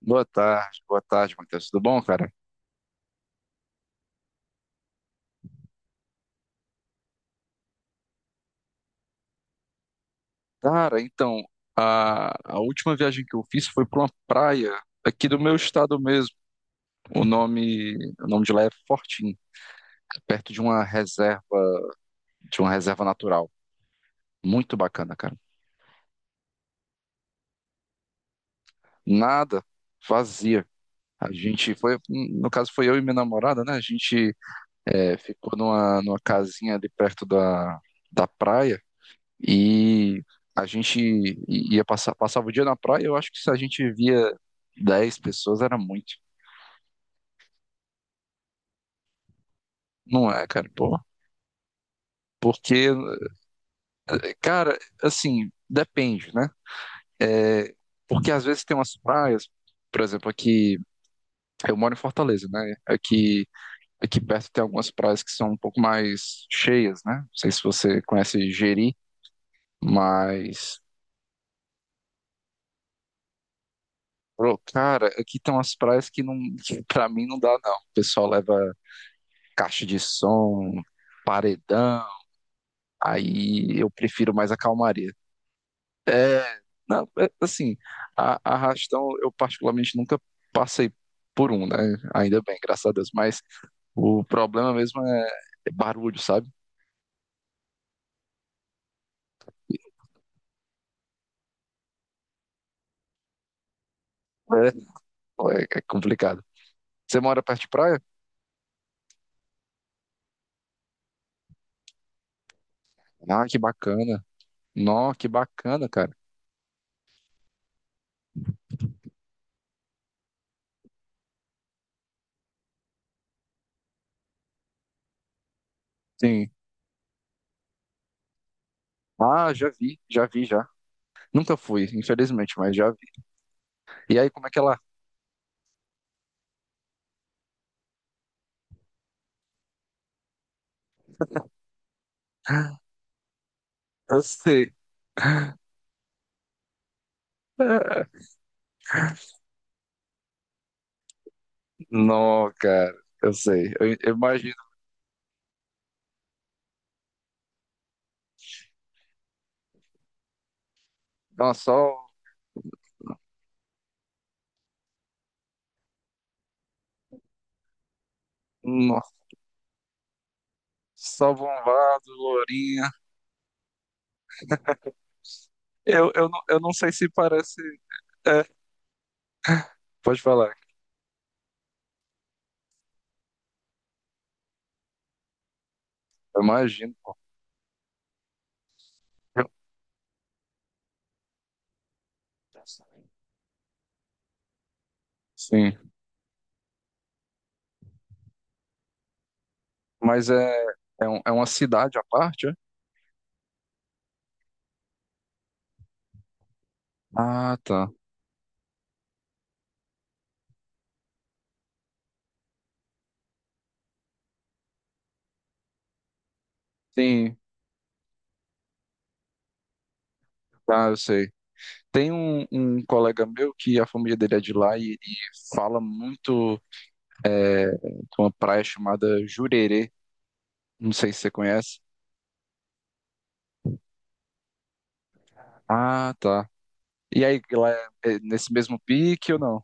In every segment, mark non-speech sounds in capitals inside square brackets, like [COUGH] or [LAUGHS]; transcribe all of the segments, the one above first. Boa tarde, Matheus. Tudo bom, cara? Cara, então, a última viagem que eu fiz foi para uma praia aqui do meu estado mesmo. O nome de lá é Fortim, perto de uma reserva natural. Muito bacana, cara. Nada, vazia. A gente foi, no caso foi eu e minha namorada, né? A gente é, ficou numa casinha ali perto da, da praia. E a gente passava o dia na praia, eu acho que se a gente via 10 pessoas era muito. Não é, cara, pô. Porque, cara, assim, depende, né? É, porque às vezes tem umas praias, por exemplo, aqui, eu moro em Fortaleza, né? Aqui, aqui perto tem algumas praias que são um pouco mais cheias, né? Não sei se você conhece Jeri, mas, pô, cara, aqui tem umas praias que não, [LAUGHS] que pra mim não dá, não. O pessoal leva caixa de som, paredão, aí eu prefiro mais a calmaria. É, não, é, assim, a arrastão eu particularmente nunca passei por um, né? Ainda bem, graças a Deus, mas o problema mesmo é, é barulho, sabe? É, é complicado. Você mora perto de praia? Ah, que bacana. Nó, que bacana, cara. Sim. Ah, já vi, já vi, já. Nunca fui, infelizmente, mas já vi. E aí, como é que é lá? Eu sei. [LAUGHS] Não, cara, eu sei. Eu imagino. Nossa, só, nossa, só bombado, lourinha. Eu não sei se parece. É, pode falar. Eu imagino, pô. Eu- Sim. Mas é, é, é uma cidade à parte, é? Ah, tá. Sim, tá, eu sei. Tem um colega meu que a família dele é de lá e ele fala muito de uma praia chamada Jurerê. Não sei se você conhece. Ah, tá. E aí, ela é nesse mesmo pique ou não?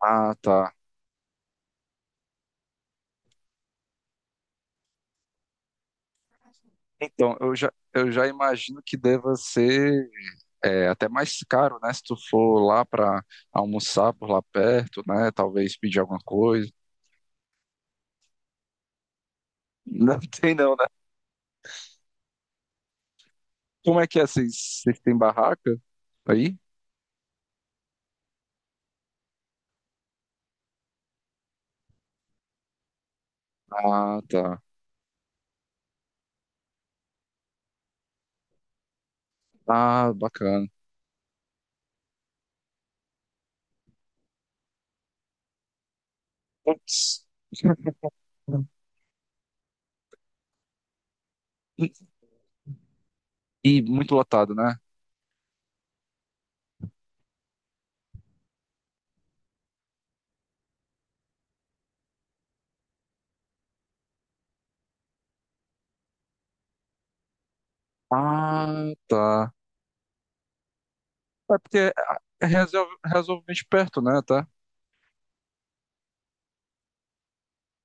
Ah, tá. Então, eu já imagino que deva ser é, até mais caro, né? Se tu for lá para almoçar por lá perto, né? Talvez pedir alguma coisa. Não [LAUGHS] tem não, né? Como é que é? Vocês têm barraca aí? Ah, tá. Ah, bacana. Putz. [LAUGHS] E muito lotado, né? Ah, tá. É porque é razoavelmente perto, né? Tá?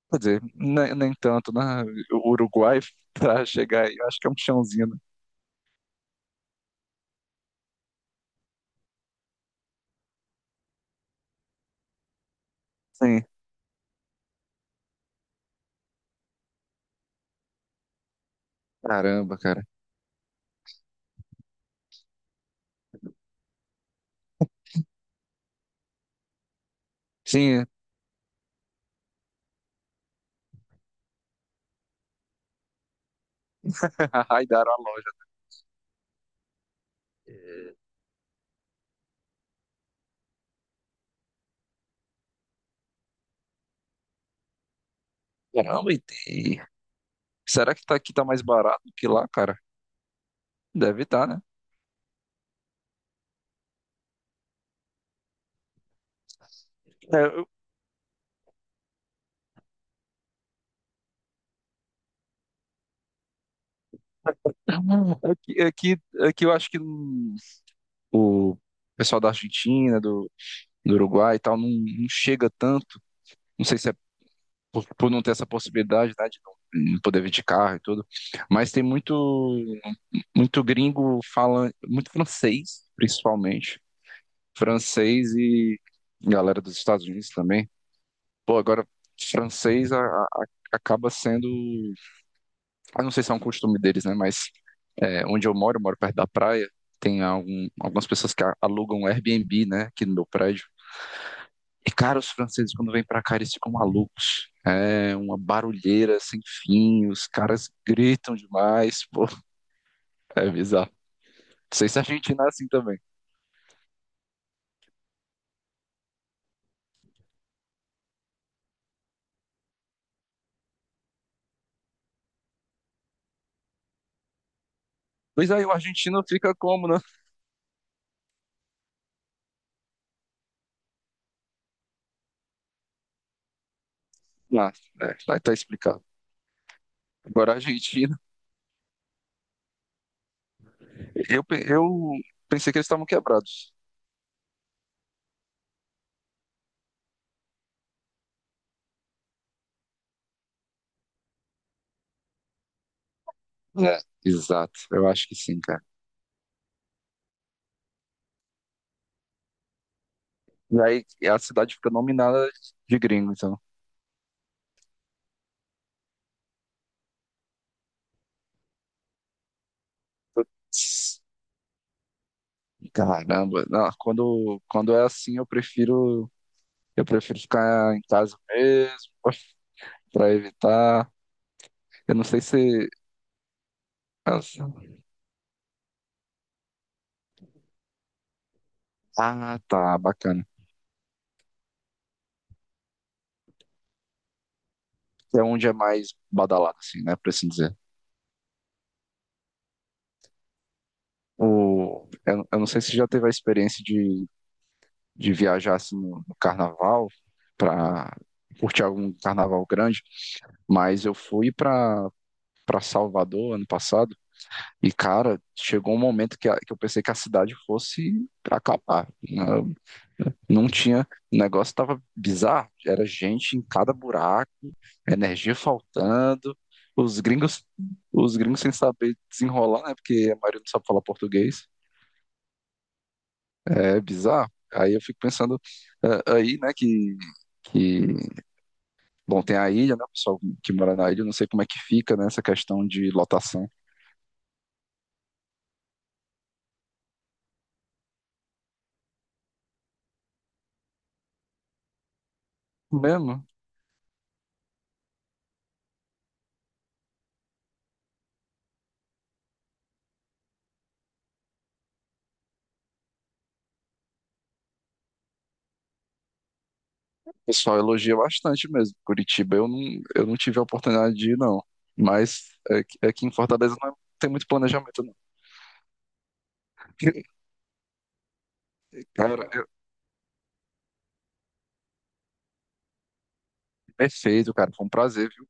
Quer dizer, nem tanto, né? O Uruguai [LAUGHS] pra chegar aí, eu acho que é um chãozinho, né? Sim. Caramba, cara. Sim, [LAUGHS] raidaram a loja. Caramba, e tem- Será que tá, aqui tá mais barato que lá, cara? Deve estar, né? É, aqui, aqui eu acho que o pessoal da Argentina, do, do Uruguai e tal, não, não chega tanto. Não sei se é por não ter essa possibilidade, né, de não poder vir de carro e tudo. Mas tem muito, muito gringo, fala muito francês, principalmente. Francês e galera dos Estados Unidos também. Pô, agora, francês acaba sendo. Eu não sei se é um costume deles, né? Mas é, onde eu moro perto da praia, tem algumas pessoas que alugam um Airbnb, né? Aqui no meu prédio. E, cara, os franceses, quando vêm pra cá, eles ficam malucos. É uma barulheira sem fim, os caras gritam demais, pô, é bizarro. Não sei se a Argentina é assim também. Pois aí, o argentino fica como, né? Ah, é, vai tá explicado. Agora, a Argentina, eu pensei que eles estavam quebrados. É. Exato, eu acho que sim, cara. E aí, a cidade fica nominada de gringo, então. Caramba, não, quando é assim, eu prefiro ficar em casa mesmo, [LAUGHS] pra evitar. Eu não sei se. Ah, tá, bacana. É onde é mais badalado, assim, né, pra assim dizer. O, eu não sei se já teve a experiência de viajar assim, no, no carnaval para curtir algum carnaval grande, mas eu fui para para Salvador ano passado e cara, chegou um momento que, que eu pensei que a cidade fosse acabar. Não, não tinha, o negócio tava bizarro, era gente em cada buraco, energia faltando, os gringos, os gringos sem saber desenrolar, né? Porque a maioria não sabe falar português. É bizarro. Aí eu fico pensando aí, né, que bom, tem a ilha, né? O pessoal que mora na ilha, eu não sei como é que fica, né? Essa questão de lotação. Mesmo, o pessoal elogia bastante mesmo. Curitiba, eu não tive a oportunidade de ir, não. Mas aqui, aqui em Fortaleza não é, tem muito planejamento, não. [LAUGHS] Cara, perfeito, cara. Foi um prazer, viu?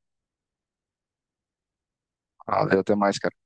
Valeu, até mais, cara.